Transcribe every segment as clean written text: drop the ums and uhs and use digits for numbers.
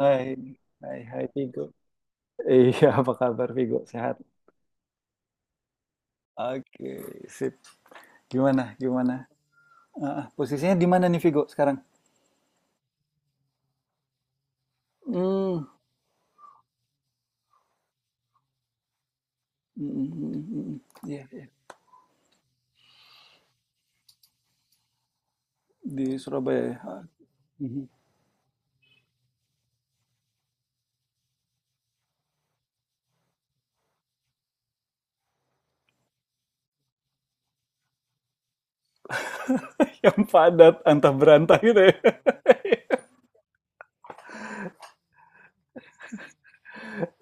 Hai, hai, hai Vigo. Iya, apa kabar Vigo? Sehat? Oke, sip. Gimana, gimana? Ah, ah, posisinya di mana nih Vigo sekarang? Hmm, mm, mm, mm, mm. Iya, iya. Di Surabaya, ya? Ah, mhm. Yang padat, antah berantah gitu ya.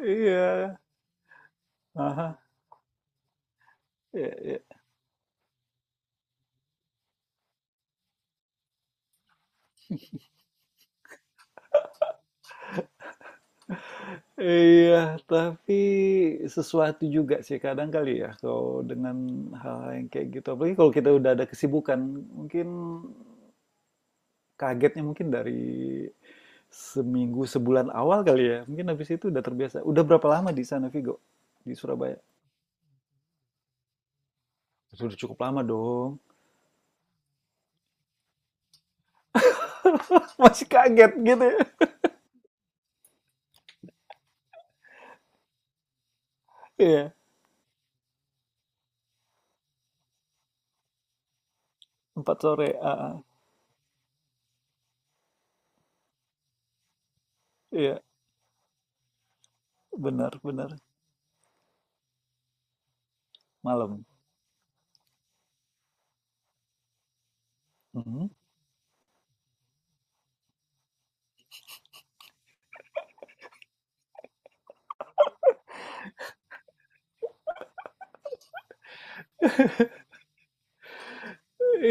Iya. Aha. Iya, iya. Iya, tapi sesuatu juga sih kadang kali ya kalau dengan hal-hal yang kayak gitu. Apalagi kalau kita udah ada kesibukan, mungkin kagetnya mungkin dari seminggu, sebulan awal kali ya. Mungkin habis itu udah terbiasa. Udah berapa lama di sana, Vigo? Di Surabaya? Sudah cukup lama dong. Masih kaget gitu ya. Iya, empat sore, ah, ah. Iya, benar, benar. Malam. Mhm.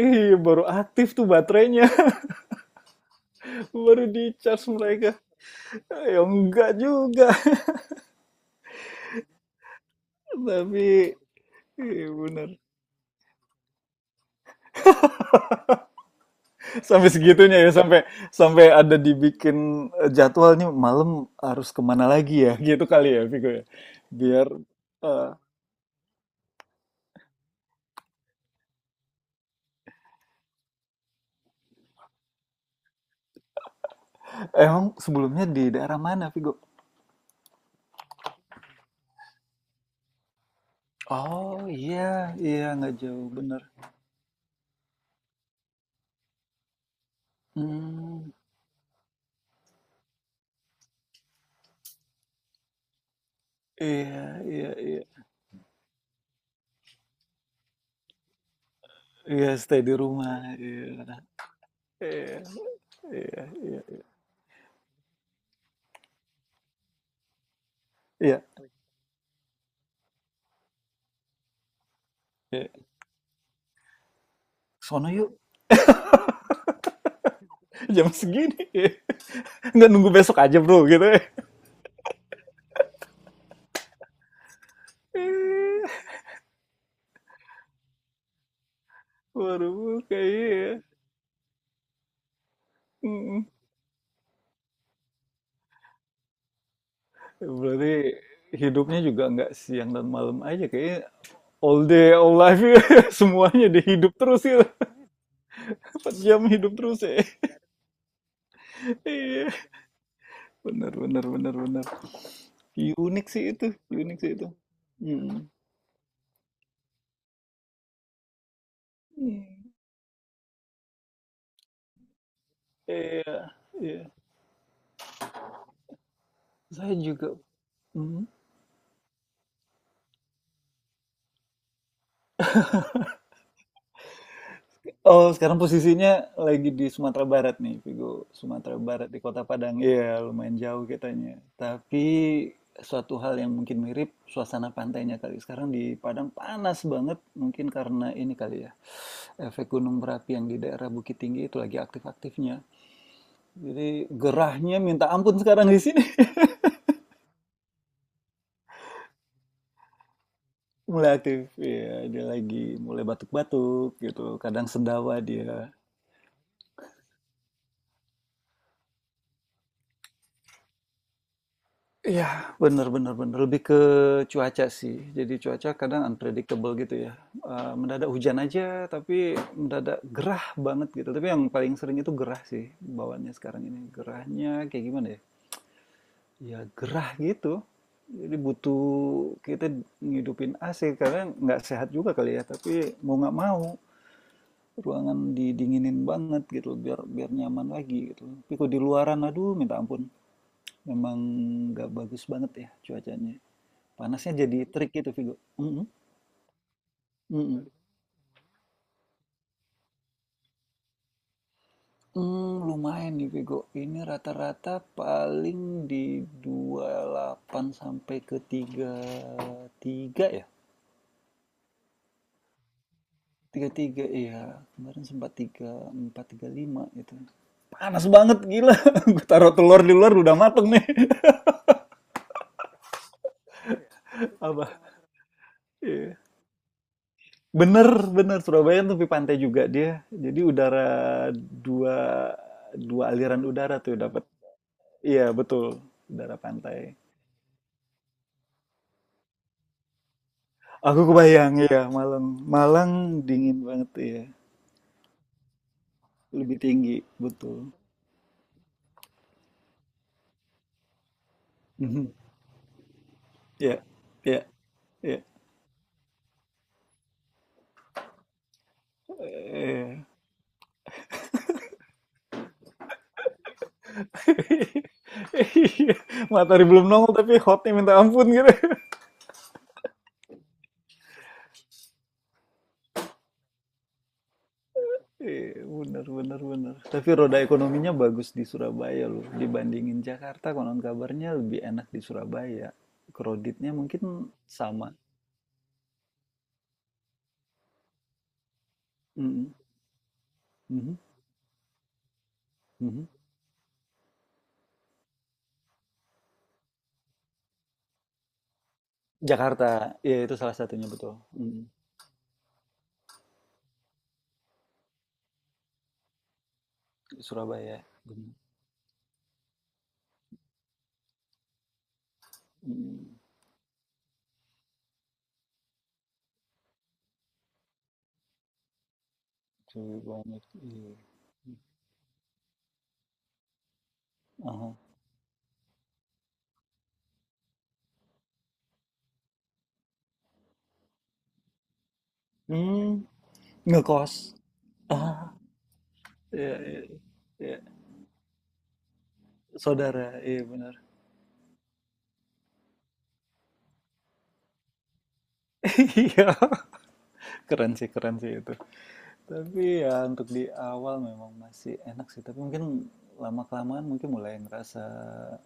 Ih, baru aktif tuh baterainya. Baru di charge mereka. Ya enggak juga. Tapi, iya benar. Sampai segitunya ya, sampai sampai ada dibikin jadwal nih malam harus kemana lagi ya, gitu kali ya, Vigo ya. Biar eh, emang sebelumnya di daerah mana, Vigo? Oh iya, iya nggak jauh bener. Hmm, iya, iya, iya, iya stay di rumah, iya, iya, iya, iya, iya, iya. Sono yuk, jam segini. Iya. Nggak nunggu besok aja bro, gitu, ya. Iya, waduh, kayaknya ya. Berarti hidupnya juga nggak siang dan malam aja kayaknya all day all life ya. Semuanya dihidup terus ya. Empat jam hidup terus ya. Iya bener bener bener bener. Ya, unik sih itu, unik sih itu. Hmm. Hmm. Iya iya saya juga. Hmm. Oh, sekarang posisinya lagi di Sumatera Barat nih, Vigo. Sumatera Barat di Kota Padang. Iya, lumayan jauh kitanya. Tapi suatu hal yang mungkin mirip suasana pantainya kali. Sekarang di Padang panas banget, mungkin karena ini kali ya. Efek gunung berapi yang di daerah Bukit Tinggi itu lagi aktif-aktifnya. Jadi gerahnya minta ampun sekarang di sini. Mulai aktif, ya dia lagi mulai batuk-batuk gitu. Kadang sendawa dia. Iya, bener bener bener, lebih ke cuaca sih. Jadi cuaca kadang unpredictable gitu ya. Mendadak hujan aja, tapi mendadak gerah banget gitu. Tapi yang paling sering itu gerah sih bawaannya sekarang ini. Gerahnya kayak gimana ya? Ya gerah gitu. Jadi butuh kita ngidupin AC karena nggak sehat juga kali ya. Tapi mau nggak mau ruangan didinginin banget gitu biar biar nyaman lagi gitu. Tapi kalau di luaran aduh minta ampun. Memang nggak bagus banget ya cuacanya. Panasnya jadi trik gitu, Vigo. Mhm, mhm. Lumayan nih, Vigo. Ini rata-rata paling di 28 sampai ke 33 ya? 33 ya. Kemarin sempat tiga empat tiga lima gitu. Panas banget, gila. Gue taruh telur di luar udah mateng nih. Apa? Iya. Bener bener, Surabaya kan tepi pantai juga dia. Jadi udara dua dua aliran udara tuh dapat. Iya, betul. Udara pantai. Aku kebayang, ya Malang. Malang dingin banget, ya. Lebih tinggi, betul. Mhm. Ya, ya, iya. Iya. Iya. Matahari belum nongol tapi hotnya minta ampun gitu. Iya, bener, bener, bener. Tapi roda ekonominya bagus di Surabaya loh. Dibandingin Jakarta, konon kabarnya lebih enak di Surabaya. Kreditnya mungkin sama. Mhm, mhm, mhm. Jakarta, ya itu salah satunya betul. Mhm. Surabaya, bener. Mhm. Cewek banyak. Iya. Aha. Hmm, ngekos. Ah, iya, iya, iya. Saudara, iya benar. Iya, keren sih itu. Tapi ya untuk di awal memang masih enak sih. Tapi mungkin lama-kelamaan mungkin mulai ngerasa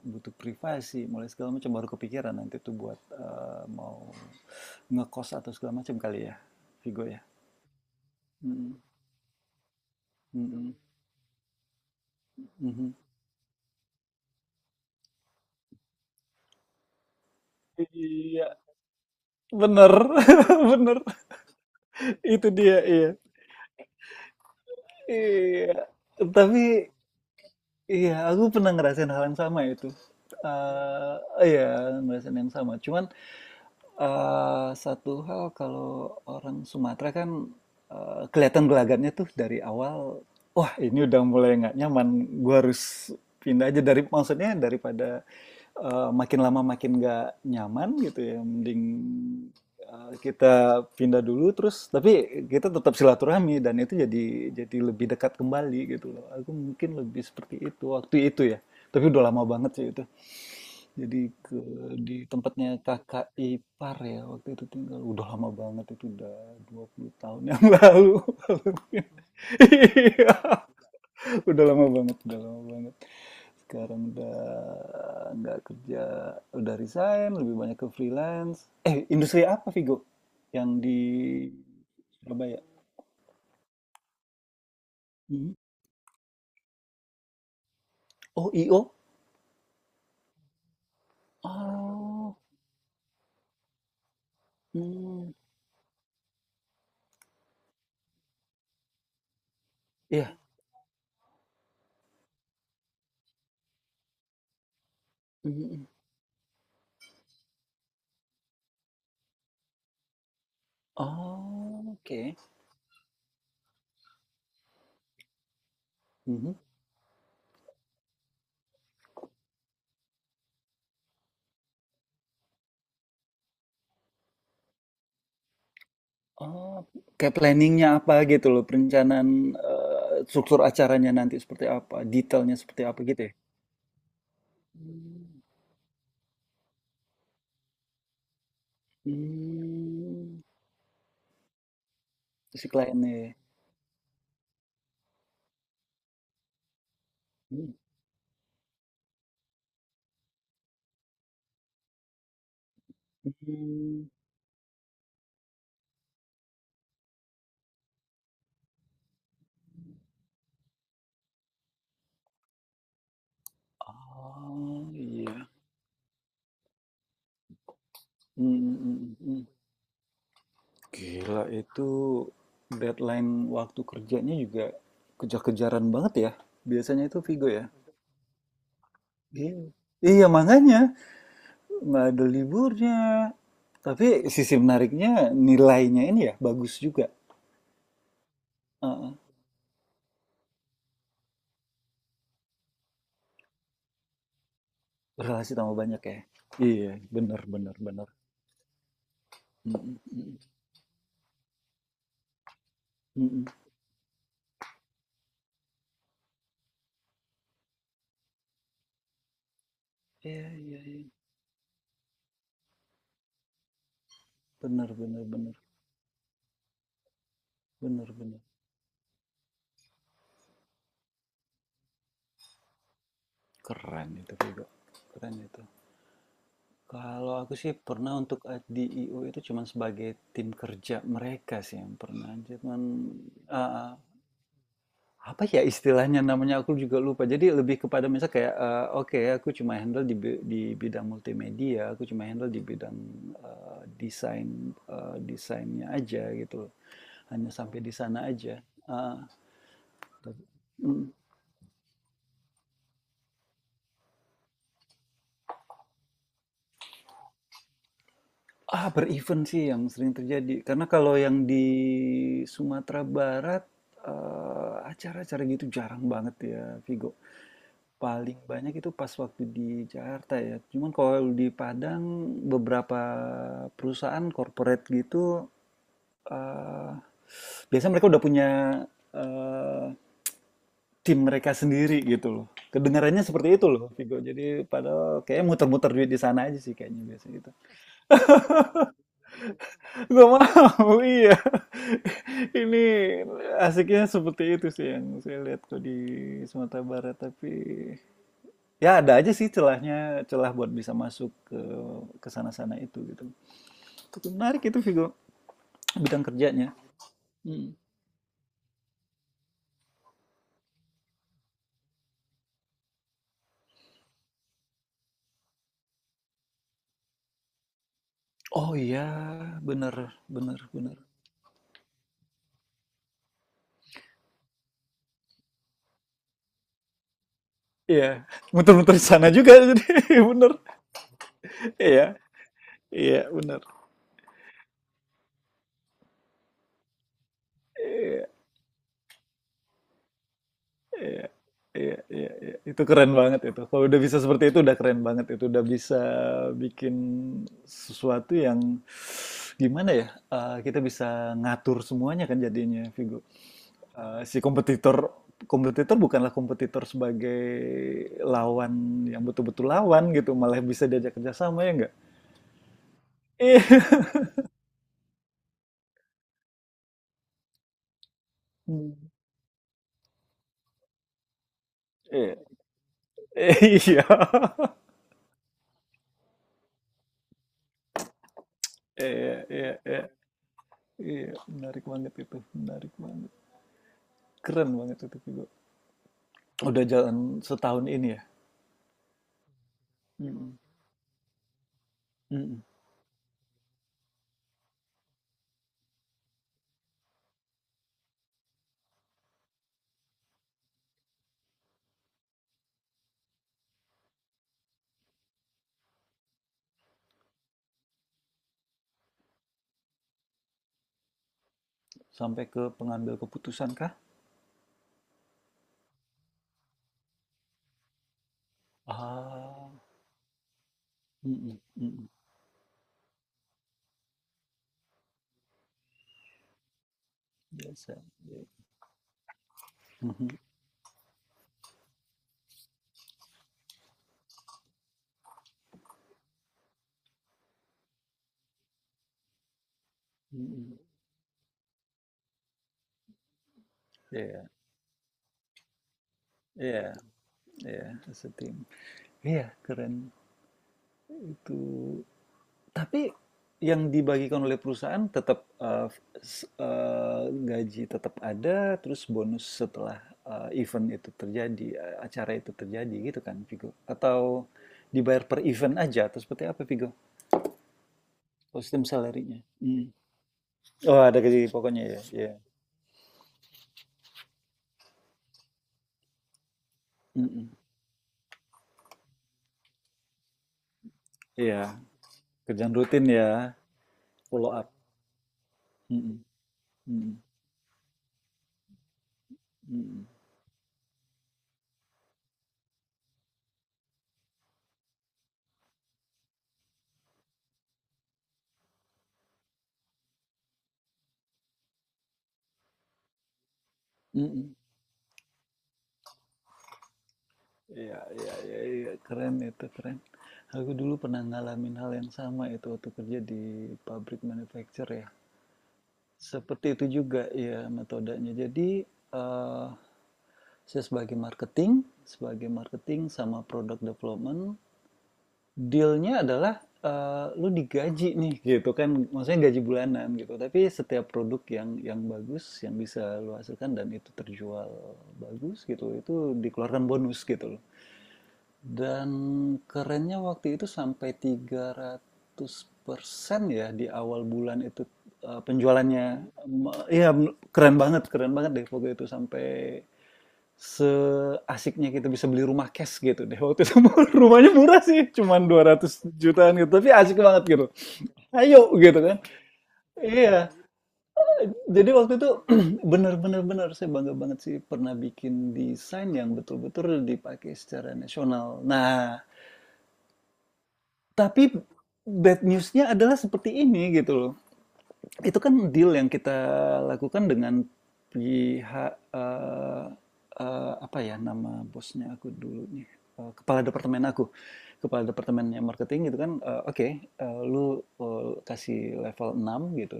butuh privasi, mulai segala macam baru kepikiran nanti tuh buat mau ngekos atau segala macam kali ya, Vigo ya. Mm, mm, mm, mhm. Iya, bener, bener. Itu dia, iya. Iya, tapi iya aku pernah ngerasain hal yang sama itu. Iya ngerasain yang sama, cuman. Eh, satu hal kalau orang Sumatera kan kelihatan gelagatnya tuh dari awal, wah ini udah mulai nggak nyaman, gua harus pindah aja dari maksudnya daripada makin lama makin nggak nyaman gitu ya, mending kita pindah dulu terus tapi kita tetap silaturahmi dan itu jadi lebih dekat kembali gitu loh. Aku mungkin lebih seperti itu waktu itu ya, tapi udah lama banget sih itu. Jadi ke di tempatnya kakak ipar ya, waktu itu tinggal. Udah lama banget itu, udah 20 tahun yang lalu. Iya, udah lama banget, udah lama banget. Sekarang udah nggak kerja, udah resign, lebih banyak ke freelance. Eh, industri apa Vigo? Yang di Surabaya? Hmm. Oh, IO? Oh, hmm. Iya. Hmm, hmm, hmm. Oh, oke. Mhm. Oh, kayak planningnya apa gitu loh, perencanaan struktur acaranya nanti seperti apa, detailnya seperti apa gitu ya? Hmm. Hmm. Si kliennya, ya. Hmm. Hmm. Oh iya. Hmm, hmm, hmm, hmm. Gila itu deadline waktu kerjanya juga kejar-kejaran banget ya. Biasanya itu Vigo ya. Iya. Iya makanya nggak ada liburnya. Tapi sisi menariknya nilainya ini ya bagus juga. Heeh, berrelasi tambah banyak ya? Iya, benar benar bener. Mhm, mhm, mhm. Iya iya iya. Benar benar benar benar bener. Keren itu juga, keren itu. Kalau aku sih pernah untuk di IO itu cuman sebagai tim kerja mereka sih yang pernah, cuman heeh. Apa ya istilahnya namanya aku juga lupa. Jadi lebih kepada misal kayak, oke aku cuma handle di di bidang multimedia, aku cuma handle di bidang, desain, desainnya aja gitu loh. Hanya sampai di sana aja. Heeh, tapi mhm. Ah, berevent sih yang sering terjadi. Karena kalau yang di Sumatera Barat, acara-acara gitu jarang banget ya, Vigo. Paling banyak itu pas waktu di Jakarta ya. Cuman kalau di Padang, beberapa perusahaan corporate gitu, eh, biasanya mereka udah punya eh, tim mereka sendiri gitu loh. Kedengarannya seperti itu loh, Vigo. Jadi padahal kayaknya muter-muter duit di sana aja sih kayaknya biasanya gitu. Gak mau, iya. Ini asiknya seperti itu sih yang saya lihat kok di Sumatera Barat. Tapi ya ada aja sih celahnya, celah buat bisa masuk ke sana-sana itu gitu. Tapi menarik itu Vigo, bidang kerjanya. Hmm. Oh iya, bener, bener, bener. Iya, muter-muter di sana juga jadi bener. Iya, iya bener. Iya. Iya, iya, iya, iya. Itu keren banget itu. Kalau udah bisa seperti itu udah keren banget itu. Udah bisa bikin sesuatu yang gimana ya? Kita bisa ngatur semuanya kan jadinya, Vigo. Si kompetitor kompetitor bukanlah kompetitor sebagai lawan yang betul-betul lawan gitu, malah bisa diajak kerjasama ya enggak? Iya. Hmm. Iya, iya, iya, iya, iya. Iya, menarik banget itu, menarik banget, keren banget itu Vigo. Udah jalan setahun ini ya? Mhm, mhm. Sampai ke pengambil keputusan kah? Ah, mhm, mhm. Biasa, iya. Mhm, mhm. Iya iya iya, as a team. Iya, keren itu. Tapi yang dibagikan oleh perusahaan tetap, eee, gaji tetap ada, terus bonus setelah, event itu terjadi, acara itu terjadi gitu kan, Vigo? Atau dibayar per event aja atau seperti apa, Vigo? Sistem salarinya. Mhm. Oh, ada gaji pokoknya ya? Iya. Mhm. Iya, kerjaan rutin ya, follow up. Mhm, mhm, mhm, mhm. Iya iya iya iya, keren itu, keren. Aku dulu pernah ngalamin hal yang sama itu waktu kerja di pabrik manufacture ya. Seperti itu juga ya metodenya. Jadi, eee, saya sebagai marketing sama product development dealnya adalah, lu digaji nih gitu kan, maksudnya gaji bulanan gitu. Tapi setiap produk yang bagus, yang bisa lu hasilkan dan itu terjual bagus gitu, itu dikeluarkan bonus gitu loh. Dan kerennya waktu itu sampai 300% ya di awal bulan itu, penjualannya. Mhm. Iya, keren banget deh waktu itu sampai seasiknya kita bisa beli rumah cash gitu deh waktu itu. Rumahnya murah sih cuman 200 jutaan gitu tapi asik banget gitu, ayo gitu kan. Iya jadi waktu itu bener-bener bener saya bangga banget sih pernah bikin desain yang betul-betul dipakai secara nasional. Nah, tapi bad newsnya adalah seperti ini gitu loh. Itu kan deal yang kita lakukan dengan pihak apa ya nama bosnya aku dulu nih, kepala departemen aku, kepala departemennya marketing gitu kan. Oke, lu kasih level 6 gitu,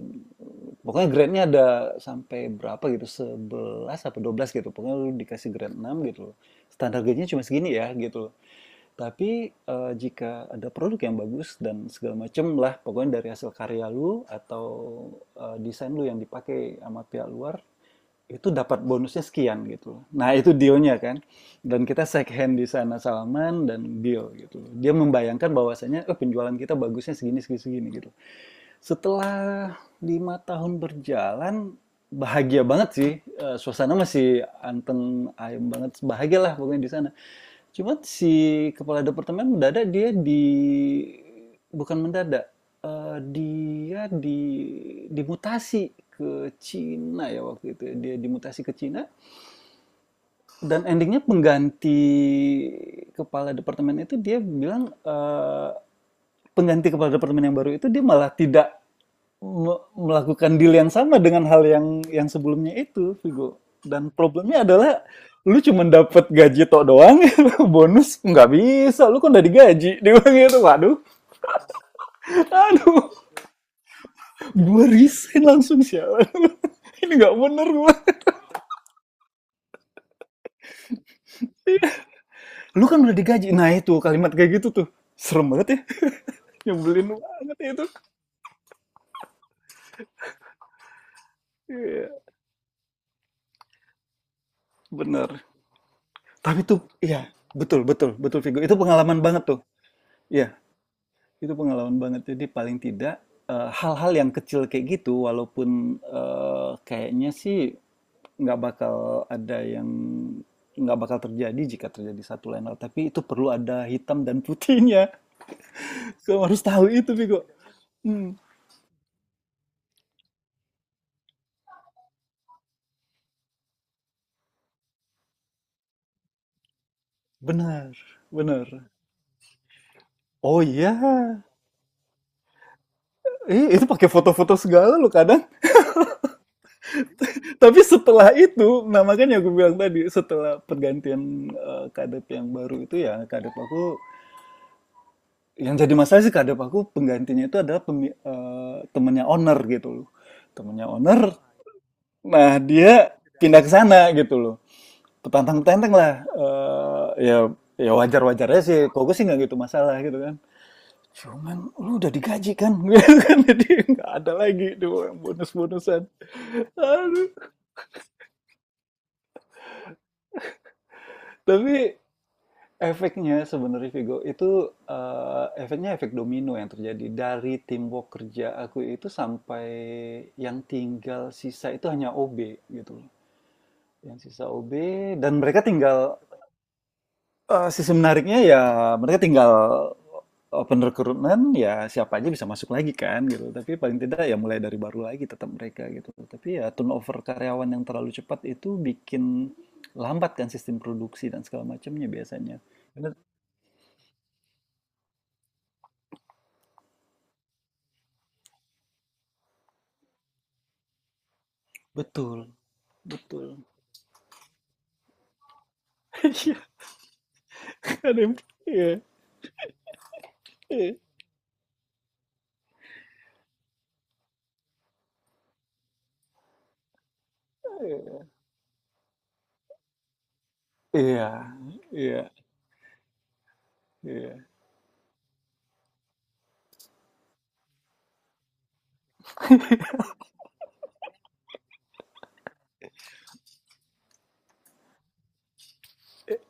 pokoknya grade-nya ada sampai berapa gitu, 11 apa 12 gitu, pokoknya lu dikasih grade 6 gitu, standar grade-nya cuma segini ya gitu. Tapi jika ada produk yang bagus dan segala macem lah pokoknya dari hasil karya lu atau desain lu yang dipakai sama pihak luar itu dapat bonusnya sekian gitu. Nah, itu dealnya kan. Dan kita shake hand di sana Salman dan deal gitu. Dia membayangkan bahwasanya oh, penjualan kita bagusnya segini segini segini gitu. Setelah 5 tahun berjalan bahagia banget sih. Eh, suasana masih anteng ayem banget bahagialah pokoknya di sana. Cuma si kepala departemen mendadak dia di, bukan mendadak, dia di, dimutasi ke Cina ya waktu itu ya, dia dimutasi ke Cina, dan endingnya nya pengganti kepala departemen itu dia bilang, pengganti kepala departemen yang baru itu dia malah tidak melakukan deal yang sama dengan hal yang sebelumnya itu Vigo. Dan problemnya adalah lu cuma dapat gaji tok doang. Bonus nggak bisa, lu kan udah digaji, dia bilang gitu. Waduh, aduh, gua resign langsung sialan. Ini nggak bener gua, lu kan udah digaji. Nah itu kalimat kayak gitu tuh serem banget ya. Nyebelin banget ya itu. Iya yeah, bener. Tapi tuh iya, betul betul betul Vigo. Itu pengalaman banget tuh. Iya, itu pengalaman banget. Jadi paling tidak hal-hal yang kecil kayak gitu walaupun kayaknya sih nggak bakal ada yang nggak bakal terjadi jika terjadi satu lain hal, tapi itu perlu ada hitam dan putihnya. Kamu harus tahu itu, Vigo. Hmm, benar, benar. Oh iya. Eh, itu pakai foto-foto segala lo kadang. Tapi setelah itu, nah makanya gue bilang tadi, setelah pergantian kadep yang baru itu ya, kadep aku, yang jadi masalah sih kadep aku penggantinya itu adalah temennya owner gitu loh. Temennya owner, nah dia pindah ke sana gitu loh. Petantang-petantang lah. Ya, ya wajar-wajar aja sih, kok gue sih nggak gitu masalah gitu kan. Cuman lu udah digaji kan, jadi nggak ada lagi tuh bonus-bonusan. Aduh, tapi efeknya sebenarnya Vigo itu efeknya efek domino yang terjadi dari teamwork kerja aku itu sampai yang tinggal sisa itu hanya OB gitu loh. Yang sisa OB dan mereka tinggal sisi menariknya ya mereka tinggal open recruitment ya siapa aja bisa masuk lagi kan gitu. Tapi paling tidak ya mulai dari baru lagi tetap mereka gitu. Tapi ya turnover karyawan yang terlalu cepat itu bikin lambat kan sistem produksi dan segala macamnya biasanya. Bener. Betul. Betul. Iya, ada yang iya, iya, iya. Iya, iya, iya.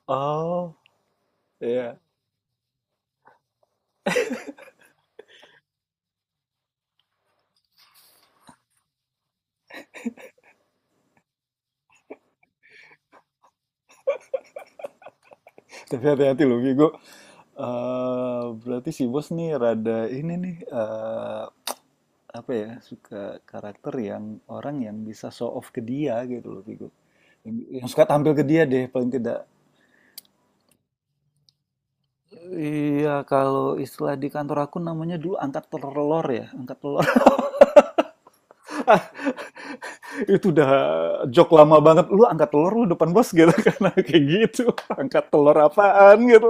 Oh, iya. Tapi hati-hati loh, Vigo. Berarti si bos nih rada ini nih apa ya suka karakter yang orang yang bisa show off ke dia gitu loh Vigo, yang, yang suka tampil ke dia deh paling tidak. Iya kalau istilah di kantor aku namanya dulu angkat telur ya angkat telur. Itu udah joke lama banget lu angkat telur lu depan bos gitu. Karena kayak gitu angkat telur apaan gitu.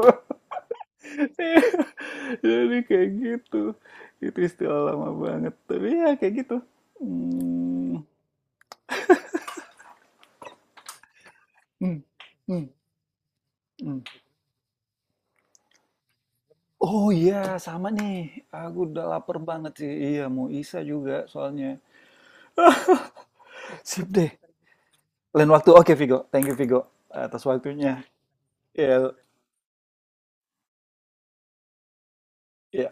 Jadi kayak gitu itu istilah lama banget tapi ya kayak gitu. Hmm, hmm, hmm, hmm. Oh iya, sama nih, aku udah lapar banget sih, iya mau Isa juga soalnya. Sip deh, lain waktu. Oke Vigo, thank you Vigo, atas waktunya ya. Ya.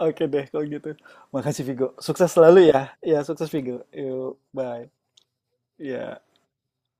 Oke deh kalau gitu. Makasih Vigo. Sukses selalu ya. Ya, sukses Vigo. Yuk, bye. Ya.